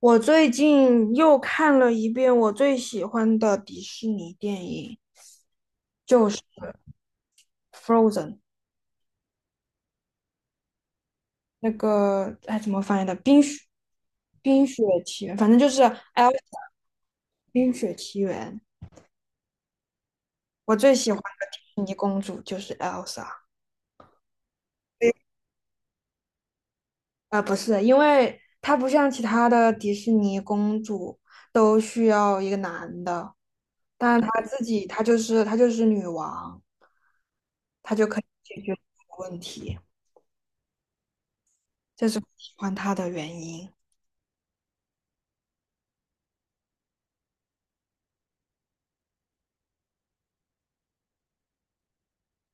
我最近又看了一遍我最喜欢的迪士尼电影，就是《Frozen》。那个哎怎么翻译的？冰雪奇缘，反正就是 El 冰雪奇缘。我最喜欢的迪士尼公主就是 Elsa。啊，不是，因为她不像其他的迪士尼公主都需要一个男的，但她自己她就是女王，她就可以解决这个问题。这是我喜欢他的原因。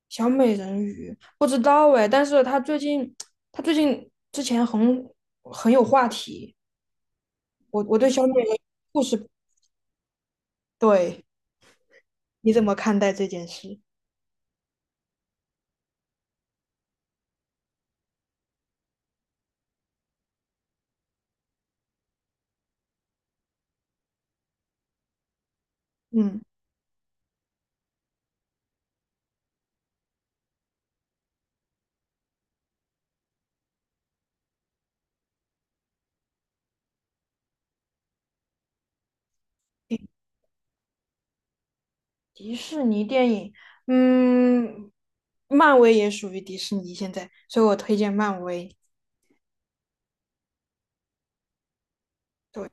小美人鱼不知道哎，但是他最近，他最近之前很有话题。我对小美人鱼故事，对，你怎么看待这件事？嗯，迪迪士尼电影，嗯，漫威也属于迪士尼现在，所以我推荐漫威。对，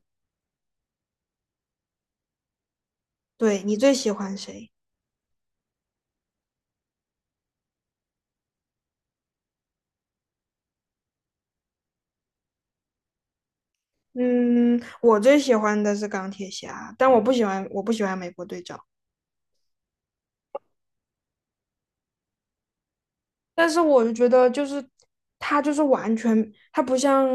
对，你最喜欢谁？嗯，我最喜欢的是钢铁侠，但我不喜欢美国队长。但是我就觉得，就是他就是完全，他不像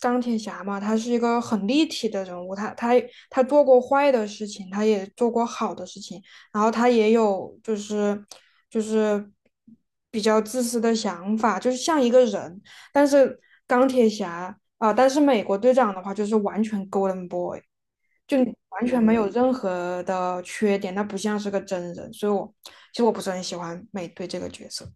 钢铁侠嘛，他是一个很立体的人物，他做过坏的事情，他也做过好的事情，然后他也有就是比较自私的想法，就是像一个人。但是钢铁侠啊、但是美国队长的话就是完全 Golden Boy,就你完全没有任何的缺点，那不像是个真人，所以我其实不是很喜欢美队这个角色。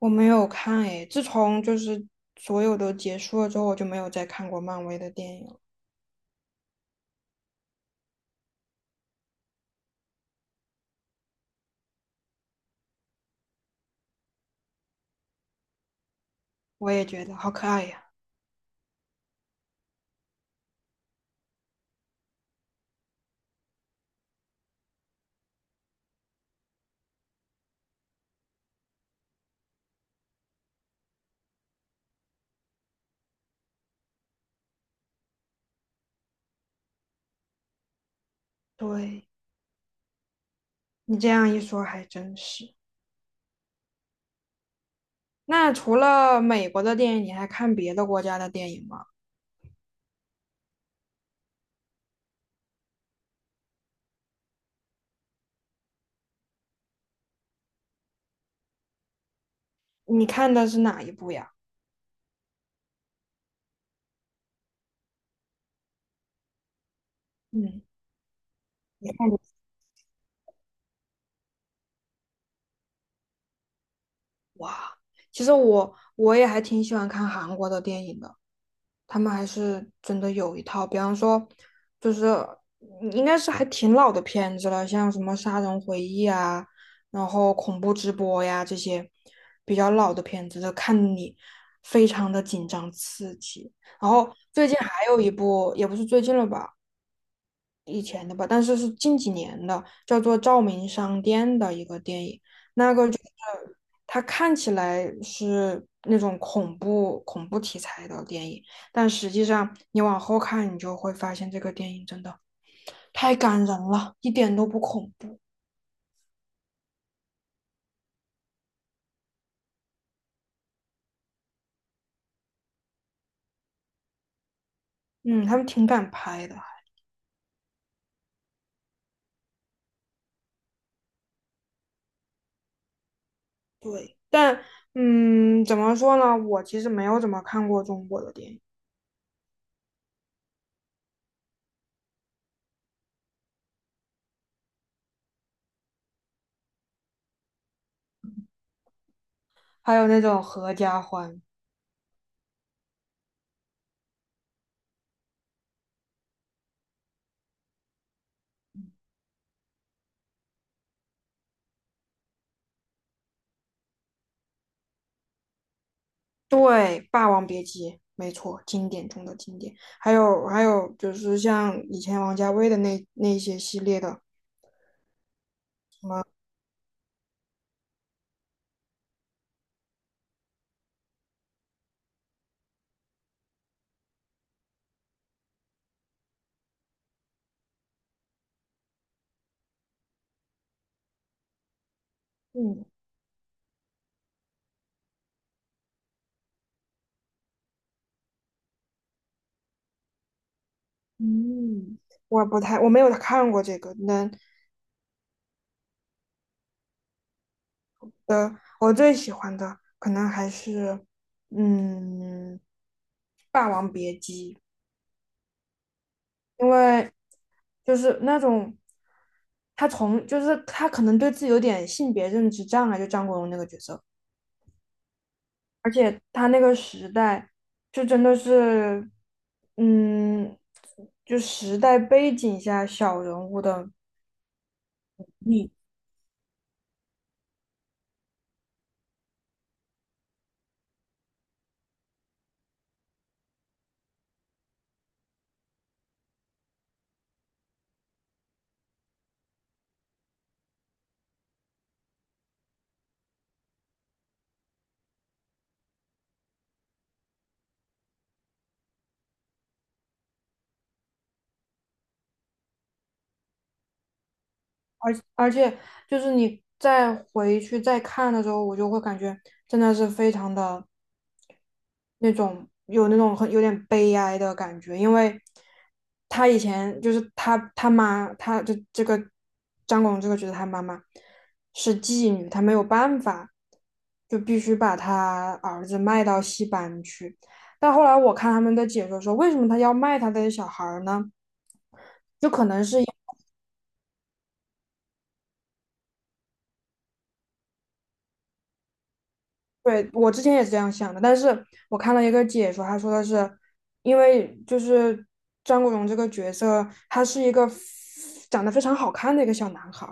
我没有看诶，自从就是所有都结束了之后，我就没有再看过漫威的电影了。我也觉得好可爱呀。对，你这样一说还真是。那除了美国的电影，你还看别的国家的电影吗？你看的是哪一部呀？嗯，你看的哇，其实我也还挺喜欢看韩国的电影的。他们还是真的有一套，比方说，就是应该是还挺老的片子了，像什么《杀人回忆》啊，然后恐怖直播呀这些比较老的片子，看你非常的紧张刺激。然后最近还有一部，也不是最近了吧，以前的吧，但是是近几年的，叫做《照明商店》的一个电影。它看起来是那种恐怖题材的电影，但实际上你往后看，你就会发现这个电影真的太感人了，一点都不恐怖。嗯，他们挺敢拍的。对，但嗯，怎么说呢？我其实没有怎么看过中国的电影，还有那种合家欢，对，《霸王别姬》，没错，经典中的经典。还有还有就是像以前王家卫的那些系列的，嗯，嗯，我不太，我没有看过这个。那呃，我最喜欢的可能还是嗯，《霸王别姬》，因为就是那种他从就是他可能对自己有点性别认知障碍，就张国荣那个角色，而且他那个时代就真的是嗯，就时代背景下小人物的。而且就是你再回去再看的时候，我就会感觉真的是非常的那种有那种很有点悲哀的感觉，因为他以前就是他他妈，他就这个张广这个角色他妈妈是妓女，他没有办法，就必须把他儿子卖到戏班去。但后来我看他们的解说说，为什么他要卖他的小孩儿呢？就可能是。对，我之前也是这样想的，但是我看了一个解说，他说的是，因为就是张国荣这个角色，他是一个长得非常好看的一个小男孩儿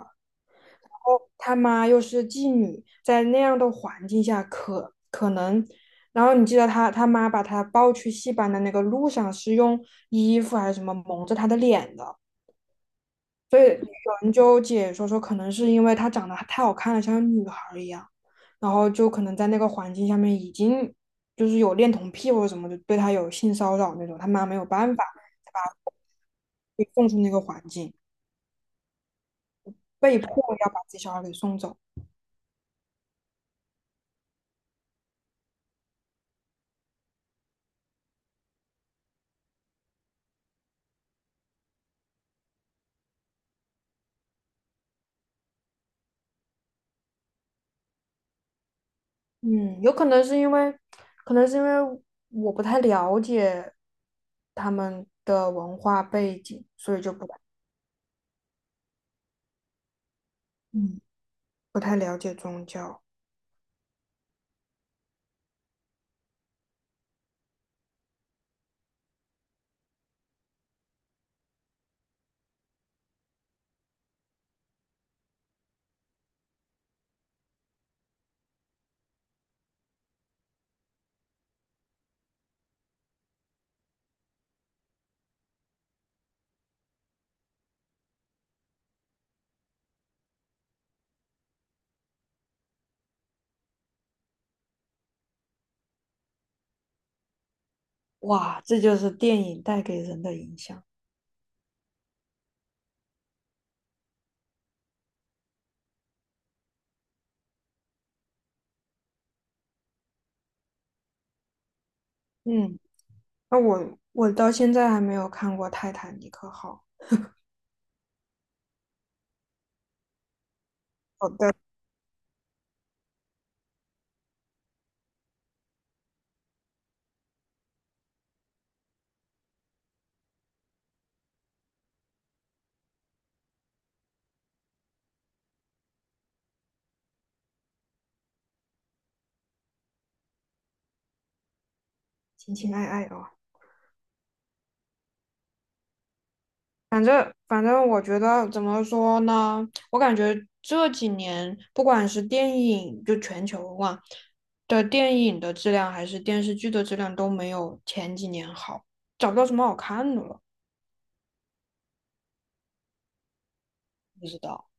然后他妈又是妓女，在那样的环境下可能，然后你记得他他妈把他抱去戏班的那个路上是用衣服还是什么蒙着他的脸的，所以有人就解说说，可能是因为她长得太好看了，像个女孩儿一样，然后就可能在那个环境下面已经就是有恋童癖或者什么，的，对她有性骚扰那种，她妈没有办法，才把她给送出那个环境，被迫要把自己小孩给送走。嗯，有可能是因为，可能是因为我不太了解他们的文化背景，所以就不太，嗯，不太了解宗教。哇，这就是电影带给人的影响。嗯，那我到现在还没有看过《泰坦尼克号》，好的，情情爱爱哦。反正，我觉得怎么说呢？我感觉这几年不管是电影，就全球嘛的电影的质量，还是电视剧的质量都没有前几年好，找不到什么好看的了。不知道，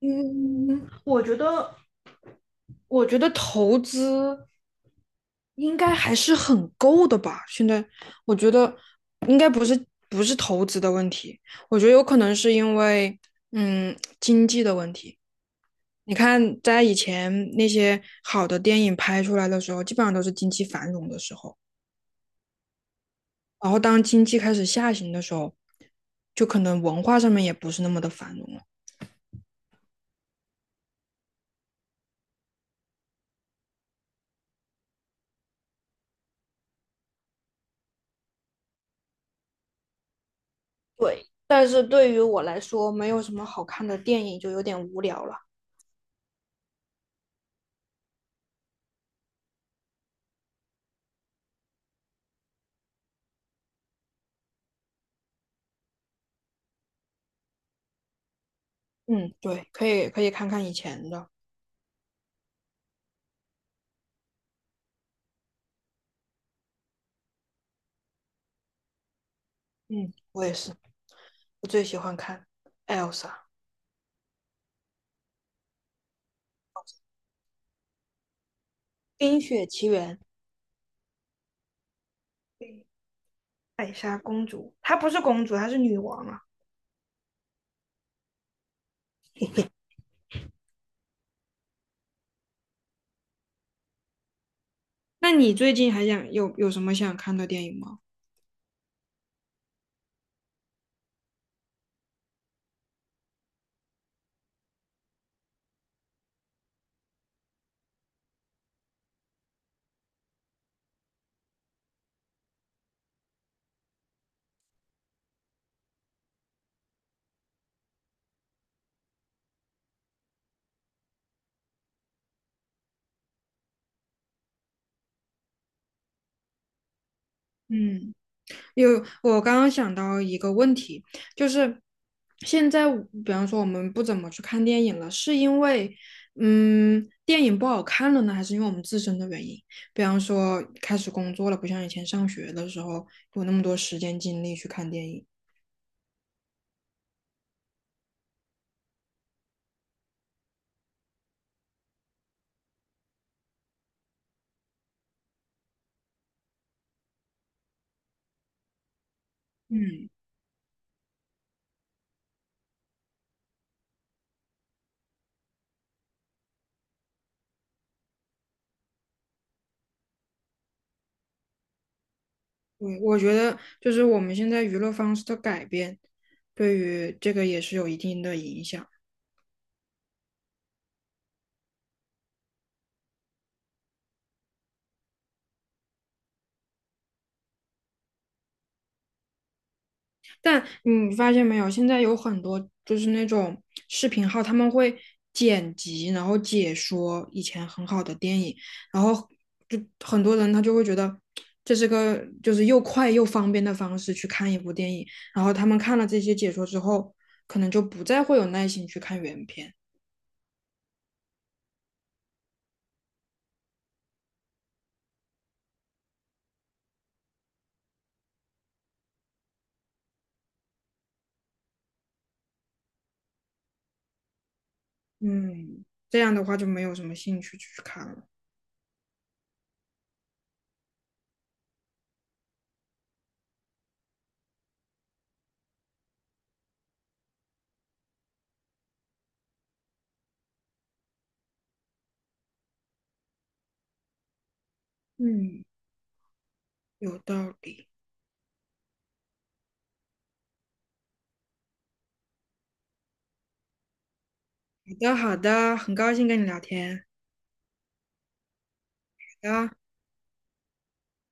嗯，我觉得投资应该还是很够的吧。现在我觉得应该不是投资的问题，我觉得有可能是因为经济的问题。你看，在以前那些好的电影拍出来的时候，基本上都是经济繁荣的时候，然后当经济开始下行的时候，就可能文化上面也不是那么的繁荣了。对，但是对于我来说，没有什么好看的电影就有点无聊了。嗯，对，可以看看以前的。嗯，我也是，我最喜欢看 Elsa《冰雪奇缘》艾莎公主，她不是公主，她是女王啊。那你最近还想有什么想看的电影吗？嗯，有，我刚刚想到一个问题，就是现在我比方说我们不怎么去看电影了，是因为电影不好看了呢，还是因为我们自身的原因？比方说开始工作了，不像以前上学的时候有那么多时间精力去看电影。嗯，对，我觉得就是我们现在娱乐方式的改变，对于这个也是有一定的影响。但你发现没有，现在有很多就是那种视频号，他们会剪辑，然后解说以前很好的电影，然后就很多人他就会觉得这是个就是又快又方便的方式去看一部电影，然后他们看了这些解说之后，可能就不再会有耐心去看原片。嗯，这样的话就没有什么兴趣去看了。嗯，有道理。好的，好的，很高兴跟你聊天。好的。